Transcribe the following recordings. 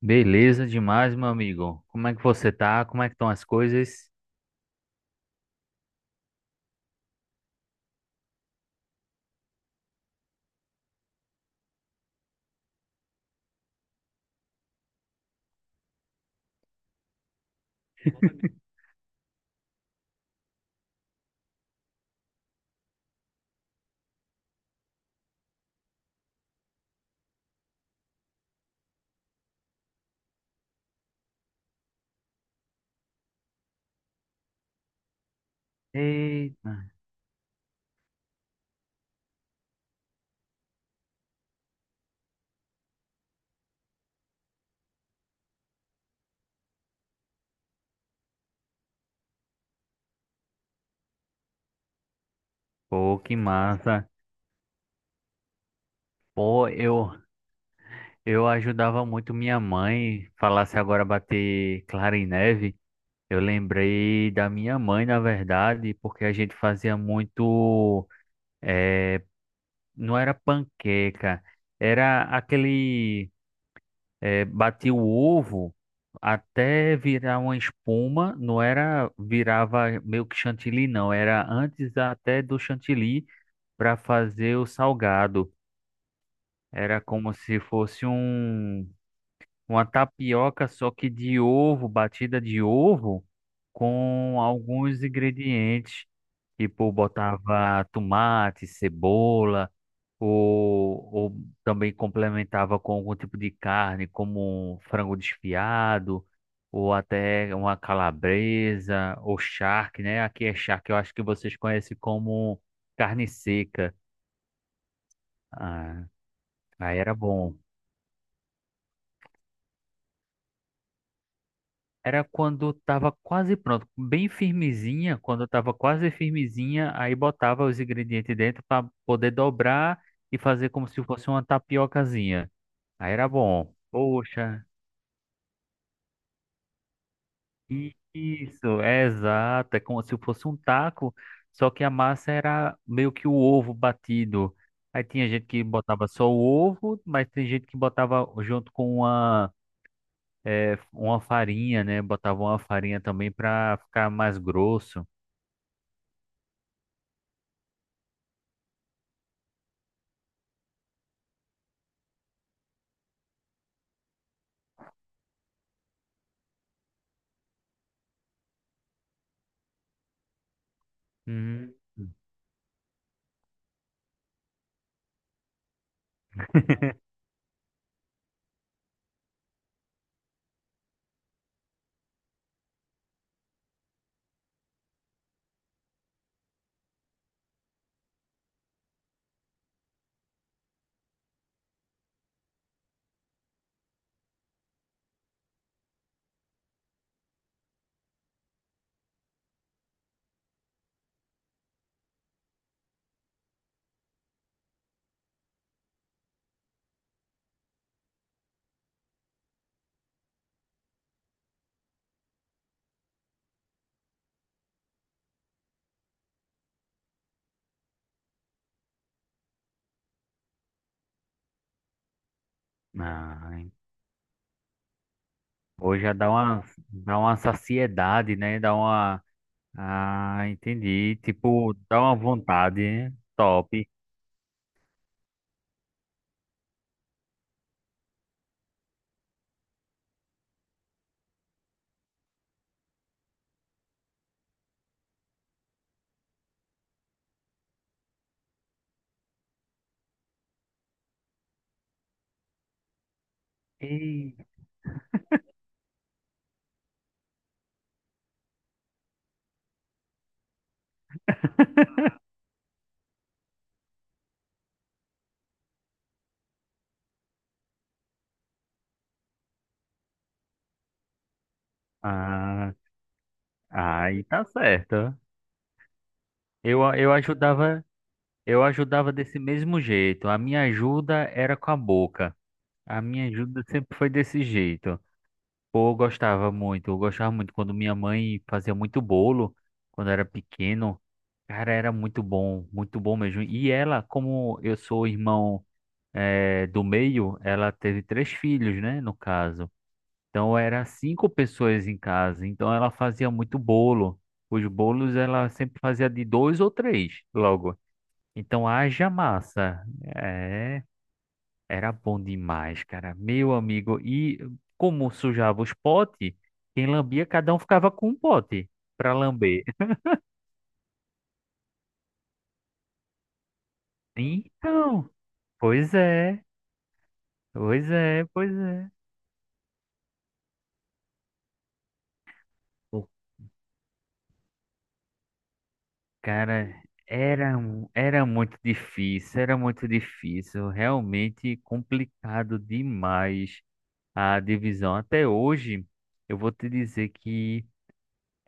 Beleza demais, meu amigo. Como é que você tá? Como é que estão as coisas? Eita, pô, que massa. Pô, eu ajudava muito minha mãe. Falasse agora bater clara em neve. Eu lembrei da minha mãe, na verdade, porque a gente fazia muito. eh, não era panqueca, era aquele. É, batia o ovo até virar uma espuma, não era, virava meio que chantilly, não, era antes até do chantilly para fazer o salgado. Era como se fosse um, uma tapioca, só que de ovo, batida de ovo, com alguns ingredientes. Tipo, botava tomate, cebola, ou também complementava com algum tipo de carne, como um frango desfiado, ou até uma calabresa, ou charque, né? Aqui é charque, eu acho que vocês conhecem como carne seca. Ah, aí era bom. Era quando tava quase pronto, bem firmezinha, quando tava quase firmezinha, aí botava os ingredientes dentro para poder dobrar e fazer como se fosse uma tapiocazinha. Aí era bom. Poxa, isso, é exato. É como se fosse um taco, só que a massa era meio que o ovo batido. Aí tinha gente que botava só o ovo, mas tem gente que botava junto com uma, é, uma farinha, né? Botava uma farinha também para ficar mais grosso. Hum. Ah, hoje já dá uma saciedade, né? Dá uma. Ah, entendi. Tipo, dá uma vontade, né? Top. Ei, ah, aí tá certo. Eu ajudava, eu ajudava desse mesmo jeito. A minha ajuda era com a boca. A minha ajuda sempre foi desse jeito. Pô, eu gostava muito quando minha mãe fazia muito bolo, quando era pequeno. Cara, era muito bom mesmo. E ela, como eu sou o irmão, do meio, ela teve três filhos, né, no caso. Então era cinco pessoas em casa, então ela fazia muito bolo. Os bolos ela sempre fazia de dois ou três logo. Então haja massa. É, era bom demais, cara. Meu amigo, e como sujava os potes, quem lambia, cada um ficava com um pote para lamber. Então, pois é, pois é, pois é. Cara, era muito difícil, realmente complicado demais a divisão. Até hoje, eu vou te dizer que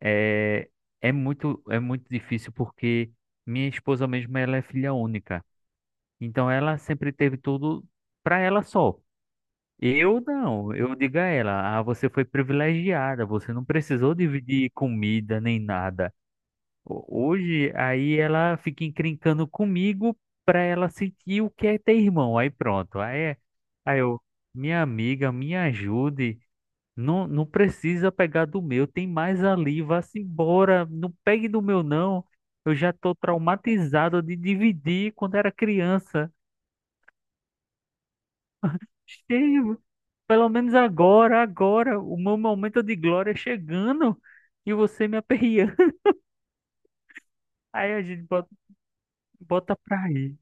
é, é muito difícil porque minha esposa mesmo, ela é filha única. Então, ela sempre teve tudo para ela só. Eu não, eu digo a ela, ah, você foi privilegiada, você não precisou dividir comida nem nada hoje, aí ela fica encrencando comigo pra ela sentir o que é ter irmão. Aí pronto. Aí, aí eu, minha amiga, me ajude. Não, não precisa pegar do meu, tem mais ali, vá-se embora. Não pegue do meu, não. Eu já tô traumatizado de dividir quando era criança. Chega, pelo menos agora, agora, o meu momento de glória chegando e você me aperreando. Aí a gente bota, bota pra rir.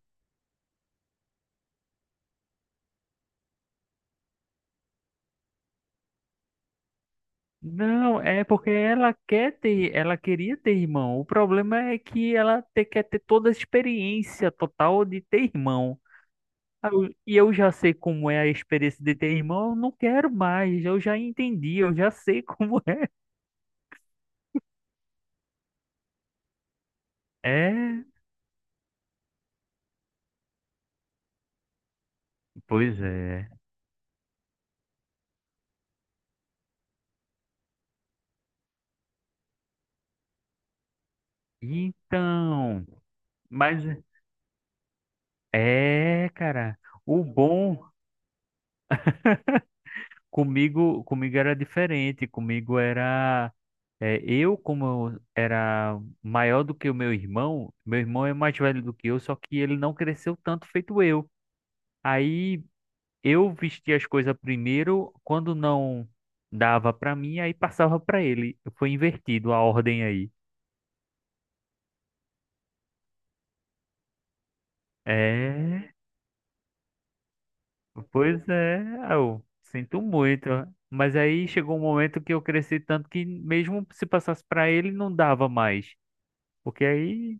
Não, é porque ela quer ter, ela queria ter irmão. O problema é que quer ter toda a experiência total de ter irmão. E eu já sei como é a experiência de ter irmão, eu não quero mais. Eu já entendi, eu já sei como é. É, pois é. Então, mas é, cara, o bom. Comigo, comigo era diferente, comigo era é, eu como eu era maior do que o meu irmão é mais velho do que eu, só que ele não cresceu tanto feito eu. Aí eu vestia as coisas primeiro, quando não dava pra mim, aí passava pra ele. Foi invertido a ordem aí. É, pois é, eu sinto muito. Mas aí chegou um momento que eu cresci tanto que mesmo se passasse pra ele não dava mais. Porque aí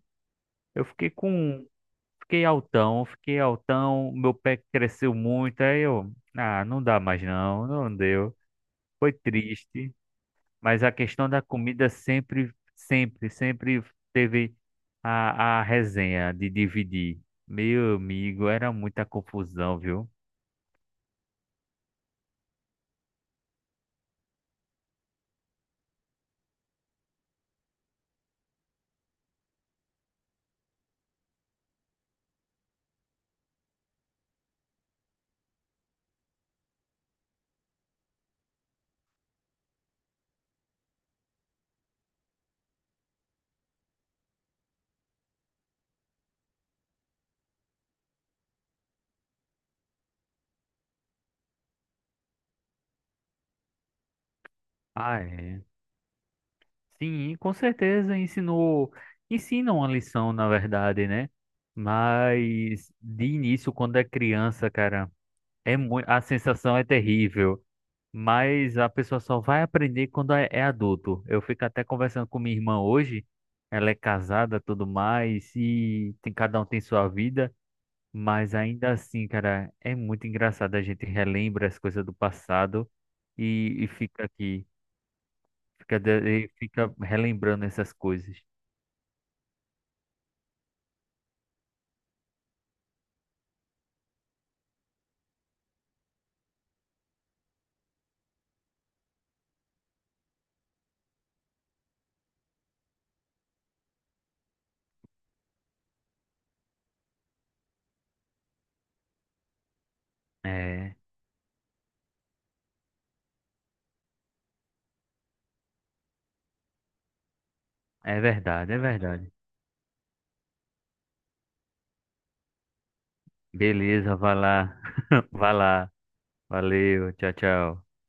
eu fiquei com. Fiquei altão, meu pé cresceu muito, aí eu. Ah, não dá mais não, não deu. Foi triste, mas a questão da comida sempre, sempre, sempre teve a resenha de dividir. Meu amigo, era muita confusão, viu? Ah, é. Sim, com certeza ensinou. Ensina uma lição, na verdade, né? Mas de início, quando é criança, cara, é muito, a sensação é terrível. Mas a pessoa só vai aprender quando é adulto. Eu fico até conversando com minha irmã hoje. Ela é casada, tudo mais, e tem, cada um tem sua vida. Mas ainda assim, cara, é muito engraçado. A gente relembra as coisas do passado e fica aqui, e fica relembrando essas coisas. É, é verdade, é verdade. Beleza, vai lá, vai lá. Valeu, tchau, tchau.